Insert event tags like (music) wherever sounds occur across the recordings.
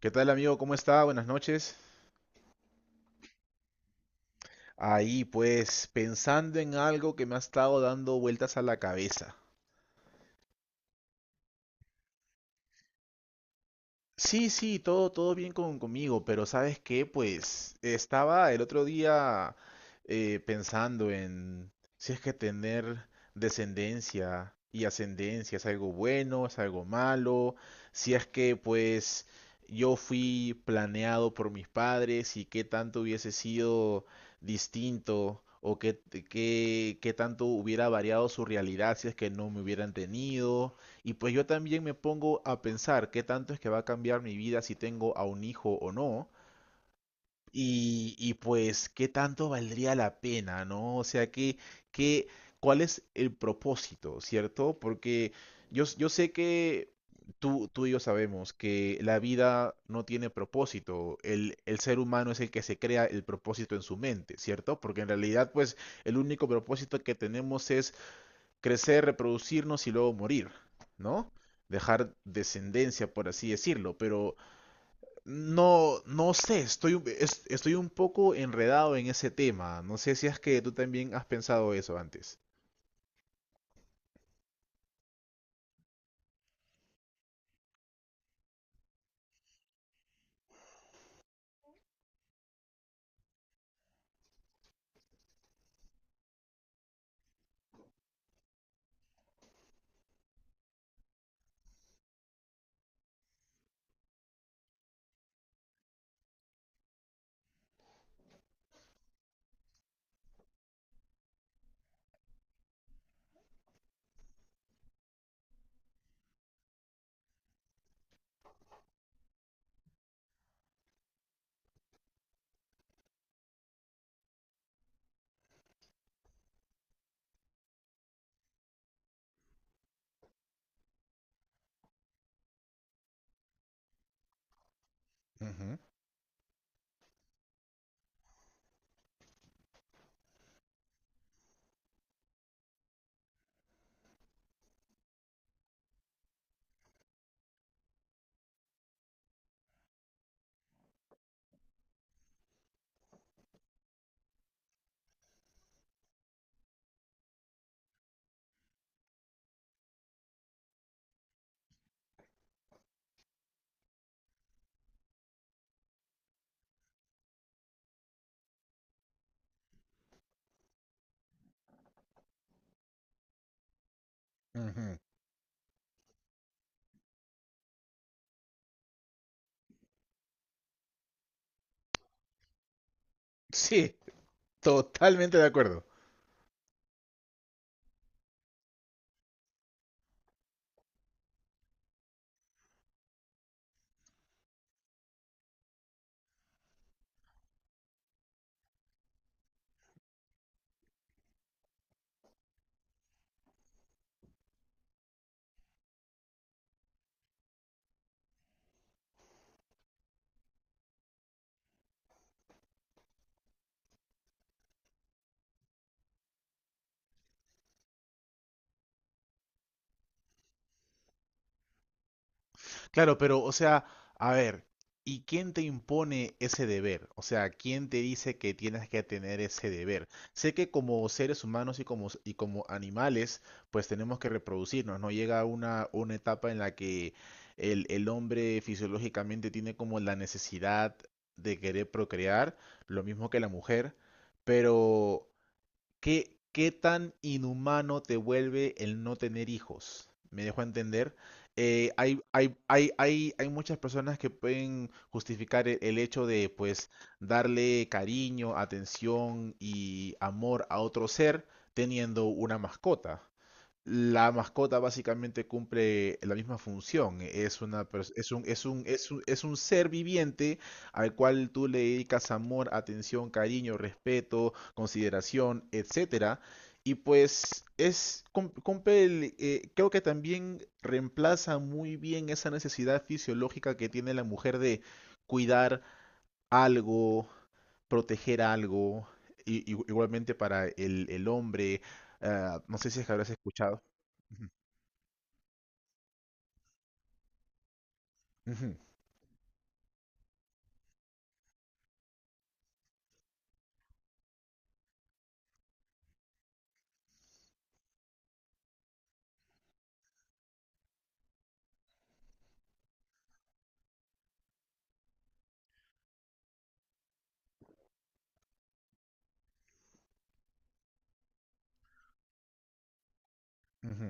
¿Qué tal amigo? ¿Cómo está? Buenas noches. Ahí pues pensando en algo que me ha estado dando vueltas a la cabeza. Sí, sí, todo, todo bien conmigo, pero ¿sabes qué? Pues estaba el otro día pensando en si es que tener descendencia y ascendencia es algo bueno, es algo malo, si es que pues yo fui planeado por mis padres y qué tanto hubiese sido distinto o qué, qué tanto hubiera variado su realidad si es que no me hubieran tenido. Y pues yo también me pongo a pensar qué tanto es que va a cambiar mi vida si tengo a un hijo o no. Y pues qué tanto valdría la pena, ¿no? O sea, que, ¿cuál es el propósito, cierto? Porque yo sé que tú y yo sabemos que la vida no tiene propósito. El ser humano es el que se crea el propósito en su mente, ¿cierto? Porque en realidad, pues, el único propósito que tenemos es crecer, reproducirnos y luego morir, ¿no? Dejar descendencia, por así decirlo, pero no, no sé, estoy un poco enredado en ese tema. No sé si es que tú también has pensado eso antes. Ujú, ujú. Sí, (laughs) totalmente de acuerdo. Claro, pero, o sea, a ver, ¿y quién te impone ese deber? O sea, ¿quién te dice que tienes que tener ese deber? Sé que como seres humanos y como animales, pues tenemos que reproducirnos, ¿no? Llega una etapa en la que el hombre fisiológicamente tiene como la necesidad de querer procrear, lo mismo que la mujer, pero ¿Qué, qué tan inhumano te vuelve el no tener hijos? Me dejo entender. Hay muchas personas que pueden justificar el hecho de, pues, darle cariño, atención y amor a otro ser teniendo una mascota. La mascota básicamente cumple la misma función. Es un, ser viviente al cual tú le dedicas amor, atención, cariño, respeto, consideración, etcétera. Y pues cumple el, creo que también reemplaza muy bien esa necesidad fisiológica que tiene la mujer de cuidar algo, proteger algo, igualmente para el hombre. No sé si es que habrás escuchado. Ujú, ujú,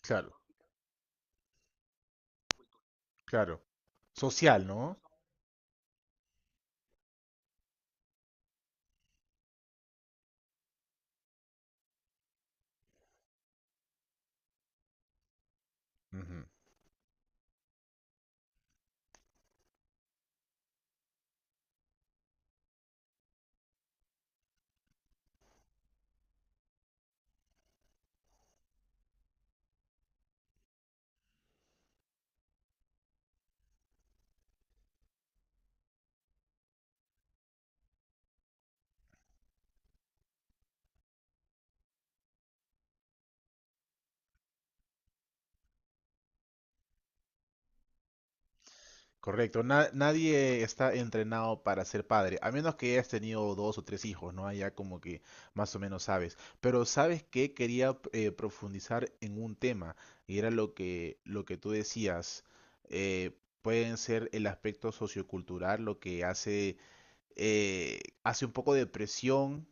Claro, claro. Social, ¿no? Ujú. Correcto. Nadie está entrenado para ser padre, a menos que hayas tenido dos o tres hijos, ¿no? Allá como que más o menos sabes. Pero sabes que quería profundizar en un tema, y era lo que tú decías. eh, pueden ser el aspecto sociocultural lo que hace, hace un poco de presión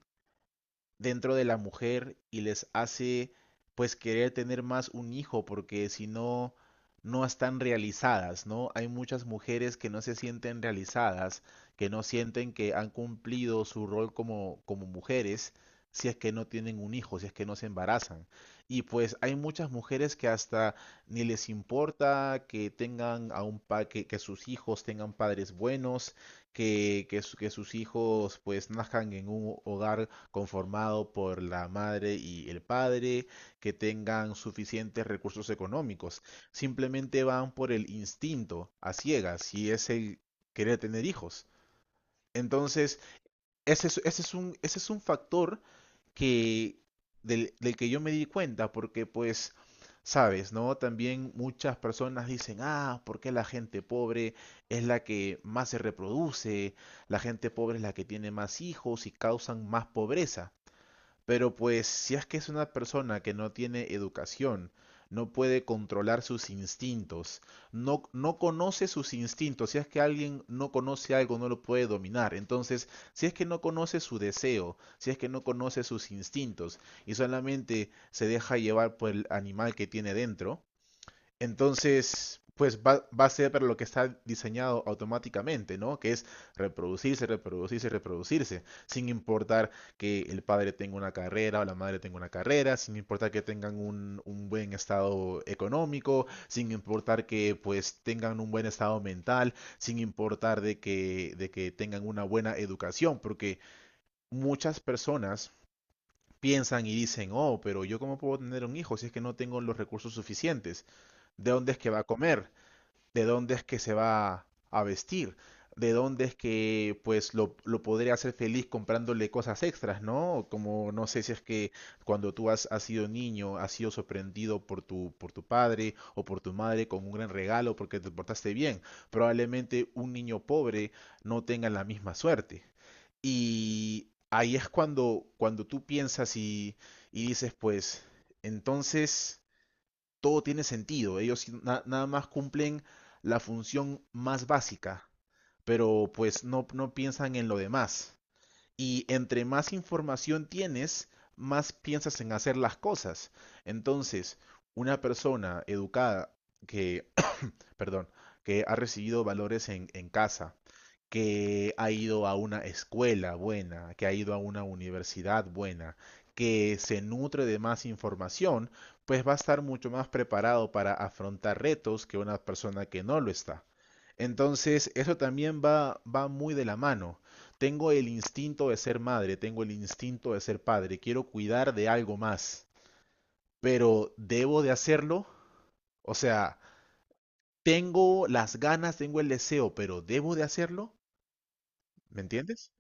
dentro de la mujer y les hace pues querer tener más un hijo porque si no no están realizadas, ¿no? Hay muchas mujeres que no se sienten realizadas, que no sienten que han cumplido su rol como, como mujeres si es que no tienen un hijo, si es que no se embarazan. Y pues hay muchas mujeres que hasta ni les importa que tengan a un que sus hijos tengan padres buenos, que sus hijos pues nazcan en un hogar conformado por la madre y el padre, que tengan suficientes recursos económicos. Simplemente van por el instinto a ciegas y es el querer tener hijos. Entonces, ese es un factor que, del que yo me di cuenta, porque pues... Sabes, ¿no? También muchas personas dicen, ah, ¿por qué la gente pobre es la que más se reproduce? La gente pobre es la que tiene más hijos y causan más pobreza. Pero pues si es que es una persona que no tiene educación, no puede controlar sus instintos, no, no conoce sus instintos, si es que alguien no conoce algo, no lo puede dominar. Entonces, si es que no conoce su deseo, si es que no conoce sus instintos y solamente se deja llevar por el animal que tiene dentro, entonces, pues va, va a ser para lo que está diseñado automáticamente, ¿no? Que es reproducirse, reproducirse, reproducirse, sin importar que el padre tenga una carrera o la madre tenga una carrera, sin importar que tengan un buen estado económico, sin importar que pues tengan un buen estado mental, sin importar de que tengan una buena educación, porque muchas personas piensan y dicen, oh, pero yo cómo puedo tener un hijo si es que no tengo los recursos suficientes. ¿De dónde es que va a comer? ¿De dónde es que se va a vestir? ¿De dónde es que pues lo podría hacer feliz comprándole cosas extras, ¿no? Como no sé si es que cuando tú has sido niño, has sido sorprendido por por tu padre o por tu madre con un gran regalo porque te portaste bien. Probablemente un niño pobre no tenga la misma suerte. Y ahí es cuando, cuando tú piensas y dices, pues, entonces todo tiene sentido. Ellos sí, nada más cumplen la función más básica, pero pues no, no piensan en lo demás. Y entre más información tienes, más piensas en hacer las cosas. Entonces, una persona educada que, (clears throat) perdón, que ha recibido valores en casa, que ha ido a una escuela buena, que ha ido a una universidad buena, que se nutre de más información, pues va a estar mucho más preparado para afrontar retos que una persona que no lo está. Entonces, eso también va, va muy de la mano. Tengo el instinto de ser madre, tengo el instinto de ser padre, quiero cuidar de algo más, pero ¿debo de hacerlo? O sea, tengo las ganas, tengo el deseo, pero ¿debo de hacerlo? ¿Me entiendes?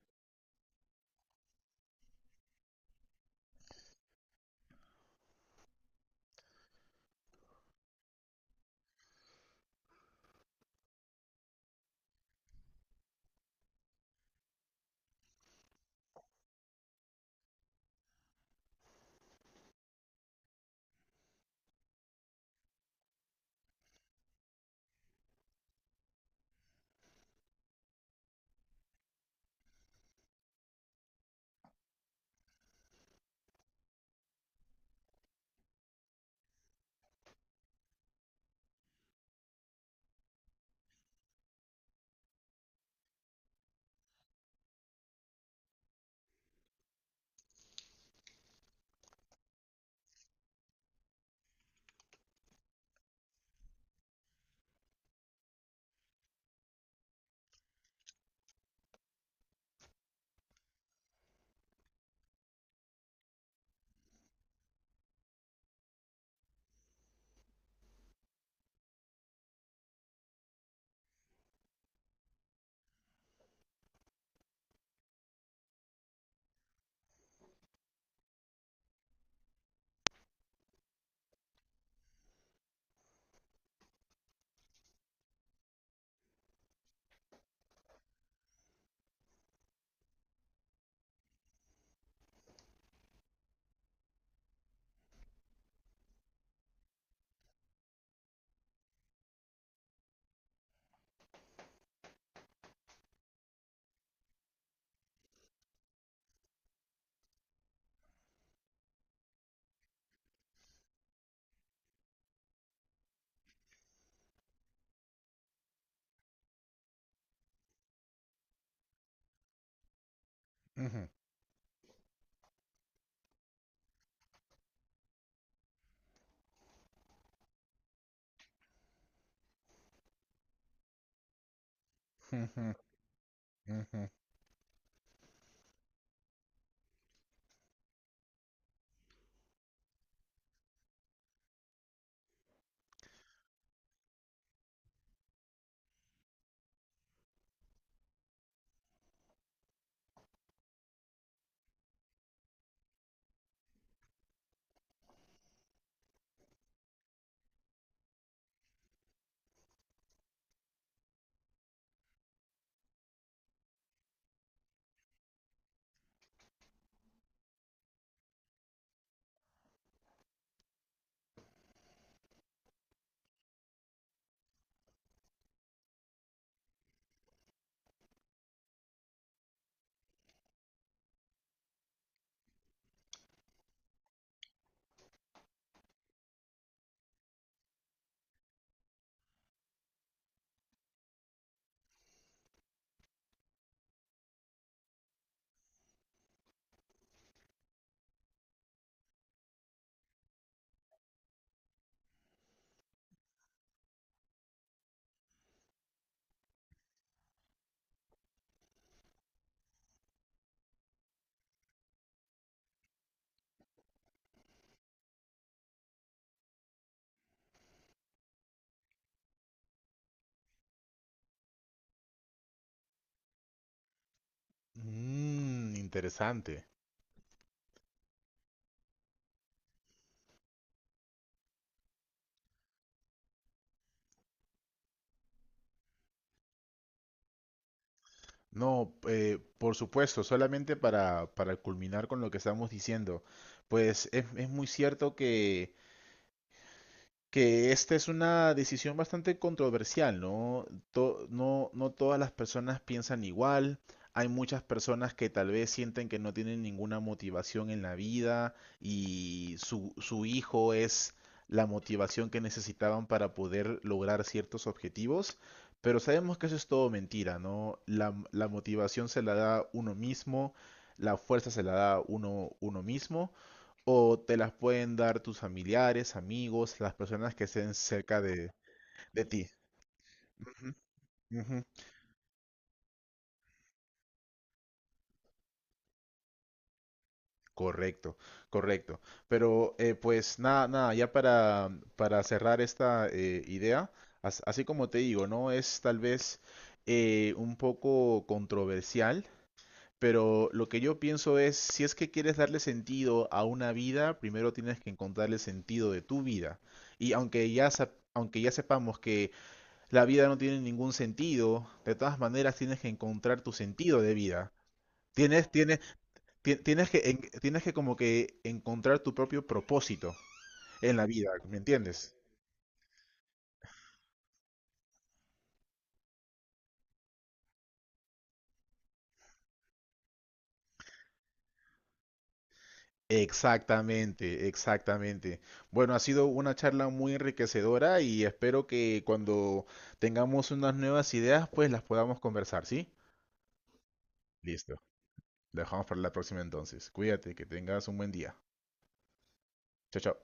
Ujú. Ujú, ujú. Mm, interesante. No, por supuesto, solamente para culminar con lo que estamos diciendo, pues es muy cierto que esta es una decisión bastante controversial, ¿no? No, no todas las personas piensan igual. Hay muchas personas que tal vez sienten que no tienen ninguna motivación en la vida y su hijo es la motivación que necesitaban para poder lograr ciertos objetivos. Pero sabemos que eso es todo mentira, ¿no? La motivación se la da uno mismo, la fuerza se la da uno mismo o te las pueden dar tus familiares, amigos, las personas que estén cerca de ti. Ujú, ujú. Correcto, correcto. Pero pues nada, nada, ya para cerrar esta idea, así como te digo, ¿no? Es tal vez un poco controversial, pero lo que yo pienso es, si es que quieres darle sentido a una vida, primero tienes que encontrarle sentido de tu vida. Y aunque ya sepamos que La vida no tiene ningún sentido. De todas maneras, tienes que encontrar tu sentido de vida. Tienes, tienes, tienes que, tienes que como que encontrar tu propio propósito en la vida, ¿me entiendes? Exactamente, exactamente. Bueno, ha sido una charla muy enriquecedora y espero que cuando tengamos unas nuevas ideas, pues las podamos conversar, ¿sí? Listo. Lo dejamos para la próxima entonces. Cuídate, que tengas un buen día. Chao, chao.